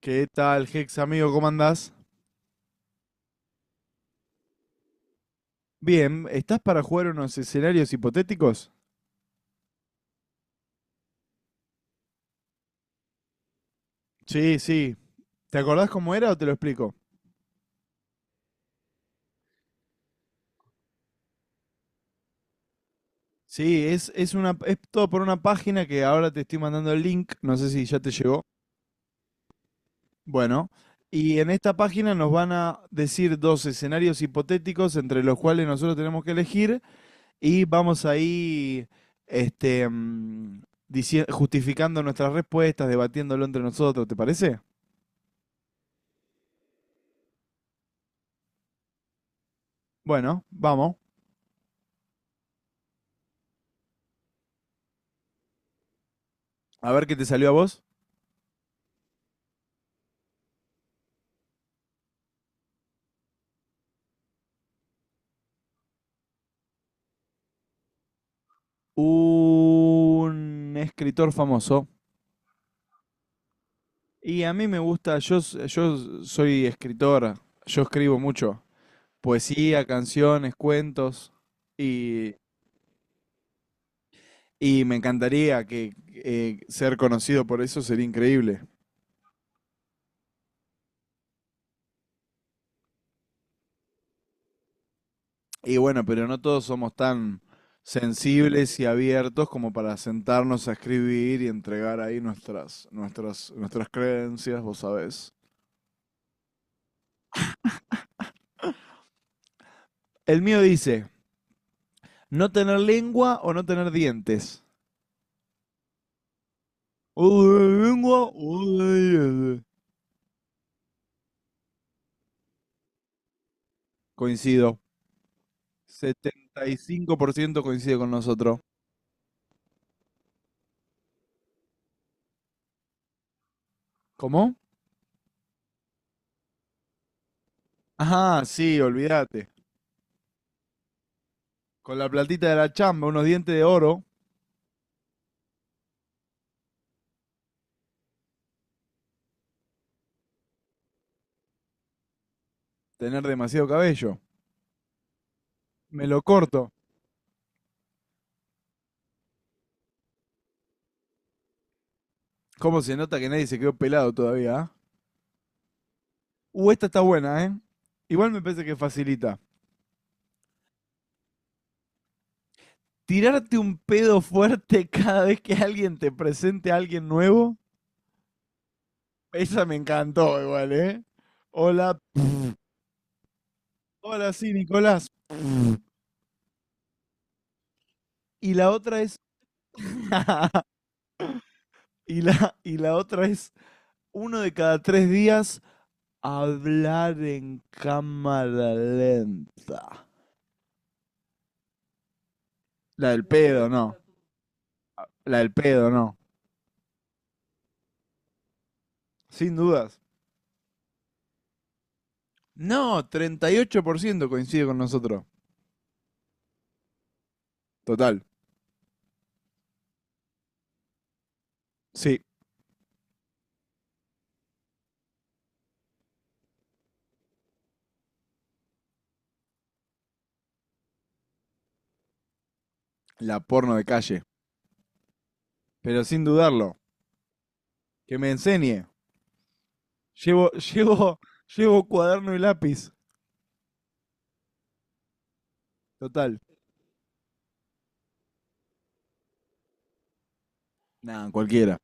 ¿Qué tal, Hex, amigo? ¿Cómo andás? Bien, ¿estás para jugar unos escenarios hipotéticos? Sí, sí. ¿Te acordás cómo era o te lo explico? Sí, es es todo por una página que ahora te estoy mandando el link, no sé si ya te llegó. Bueno, y en esta página nos van a decir dos escenarios hipotéticos entre los cuales nosotros tenemos que elegir y vamos ahí, este, mm, justificando nuestras respuestas, debatiéndolo entre nosotros, ¿te parece? Bueno, vamos. A ver qué te salió a vos. Un escritor famoso. Y a mí me gusta, yo soy escritor, yo escribo mucho, poesía, canciones, cuentos, y, me encantaría que ser conocido por eso sería increíble. Y bueno, pero no todos somos tan sensibles y abiertos como para sentarnos a escribir y entregar ahí nuestras creencias, vos sabés. El mío dice, no tener lengua o no tener dientes. O de lengua o de diez. Coincido. 75% coincide con nosotros. ¿Cómo? Ajá, sí, olvídate. Con la platita de la chamba, unos dientes de oro, tener demasiado cabello. Me lo corto. ¿Cómo se nota que nadie se quedó pelado todavía? ¿Ah? Esta está buena, ¿eh? Igual me parece que facilita. Tirarte un pedo fuerte cada vez que alguien te presente a alguien nuevo. Esa me encantó igual, ¿eh? Hola. Hola, sí, Nicolás. Y la otra es. Y la otra es uno de cada tres días hablar en cámara lenta. La del pedo, no. La del pedo, no. Sin dudas. No, 38% coincide con nosotros. Total. Sí, la porno de calle. Pero sin dudarlo, que me enseñe. Llevo, llevo cuaderno y lápiz. Total. Nada, cualquiera.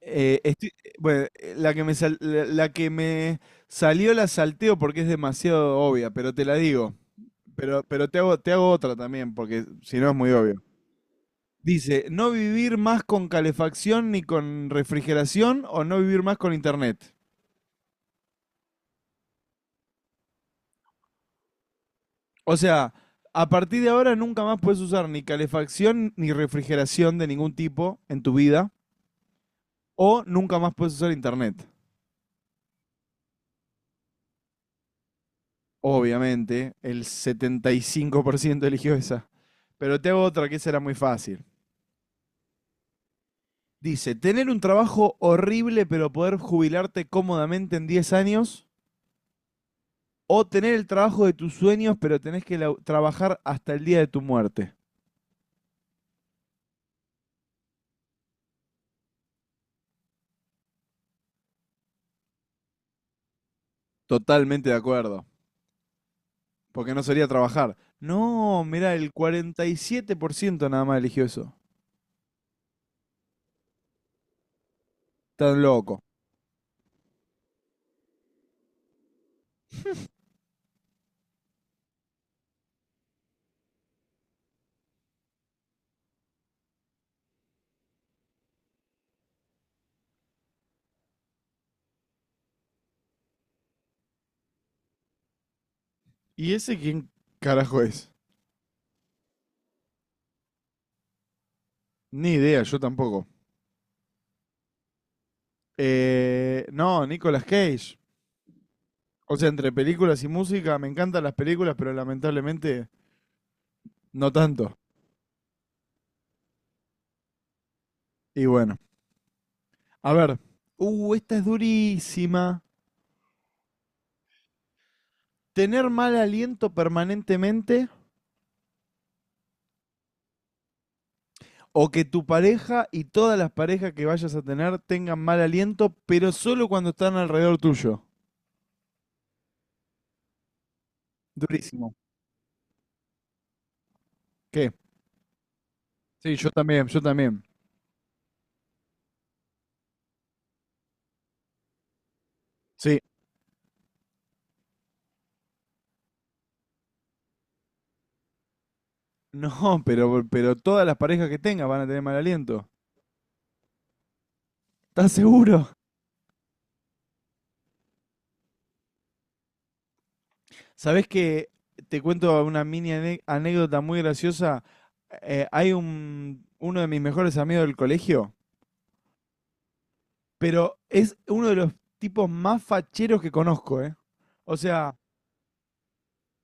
Bueno, la que me salió la salteo porque es demasiado obvia, pero te la digo. Pero, te hago otra también, porque si no es muy obvio. Dice, no vivir más con calefacción ni con refrigeración o no vivir más con internet. O sea, a partir de ahora nunca más puedes usar ni calefacción ni refrigeración de ningún tipo en tu vida o nunca más puedes usar internet. Obviamente, el 75% eligió esa. Pero te hago otra que esa era muy fácil. Dice, tener un trabajo horrible pero poder jubilarte cómodamente en 10 años o tener el trabajo de tus sueños pero tenés que trabajar hasta el día de tu muerte. Totalmente de acuerdo, porque no sería trabajar. No, mirá, el 47% nada más eligió eso. Tan loco. ¿Y ese quién carajo es? Ni idea, yo tampoco. No, Nicolas Cage. O sea, entre películas y música, me encantan las películas, pero lamentablemente no tanto. Y bueno, a ver. Esta es durísima. ¿Tener mal aliento permanentemente o que tu pareja y todas las parejas que vayas a tener tengan mal aliento, pero solo cuando están alrededor tuyo? Durísimo. ¿Qué? Sí, yo también, yo también. Sí. No, pero todas las parejas que tengas van a tener mal aliento. ¿Estás seguro? ¿Sabés que te cuento una mini anécdota muy graciosa? Hay uno de mis mejores amigos del colegio, pero es uno de los tipos más facheros que conozco, ¿eh? O sea,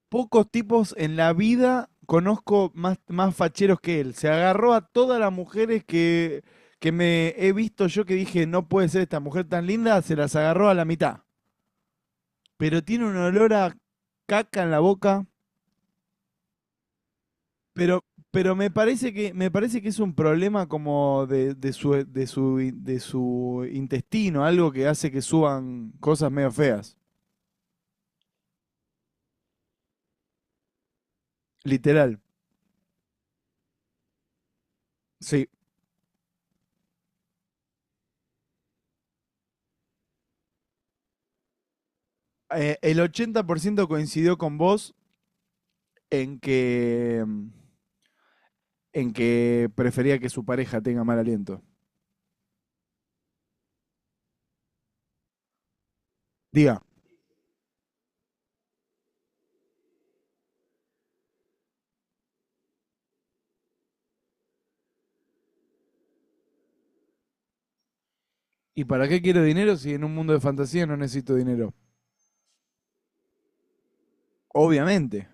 pocos tipos en la vida conozco más facheros que él. Se agarró a todas las mujeres que me he visto yo que dije, no puede ser esta mujer tan linda, se las agarró a la mitad. Pero tiene un olor a caca en la boca. Pero, pero me parece que es un problema como de su intestino, algo que hace que suban cosas medio feas. Literal. Sí, el 80% coincidió con vos en que, mm, en que prefería que su pareja tenga mal aliento. Diga, ¿y para qué quiero dinero si en un mundo de fantasía no necesito dinero? Obviamente.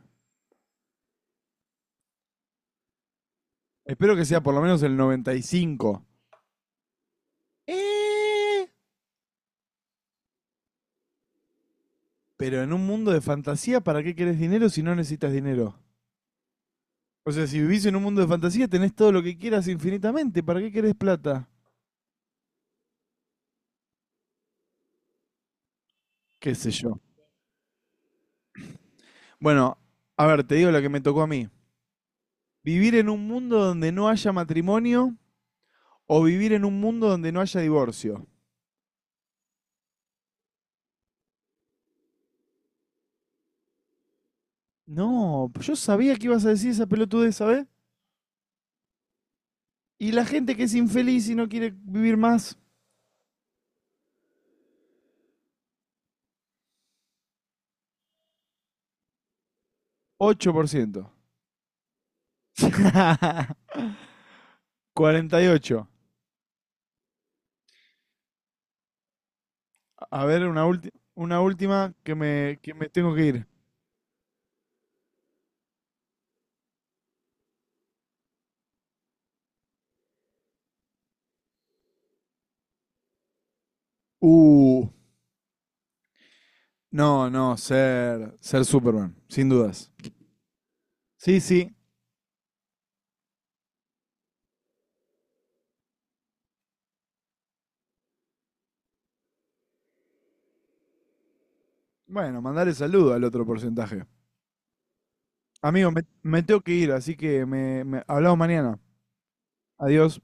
Espero que sea por lo menos el 95. Pero en un mundo de fantasía, ¿para qué querés dinero si no necesitas dinero? O sea, si vivís en un mundo de fantasía, tenés todo lo que quieras infinitamente. ¿Para qué querés plata? ¿Qué sé yo? Bueno, a ver, te digo lo que me tocó a mí. Vivir en un mundo donde no haya matrimonio o vivir en un mundo donde no haya divorcio. No, yo sabía que ibas a decir esa pelotudez, ¿sabes? Y la gente que es infeliz y no quiere vivir más, 8%. 48. A ver, una última que me tengo que ir. Uh, no, no, ser Superman, sin dudas. Sí, sí. Bueno, mandarle saludo al otro porcentaje. Amigo, me tengo que ir, así que me hablamos mañana. Adiós.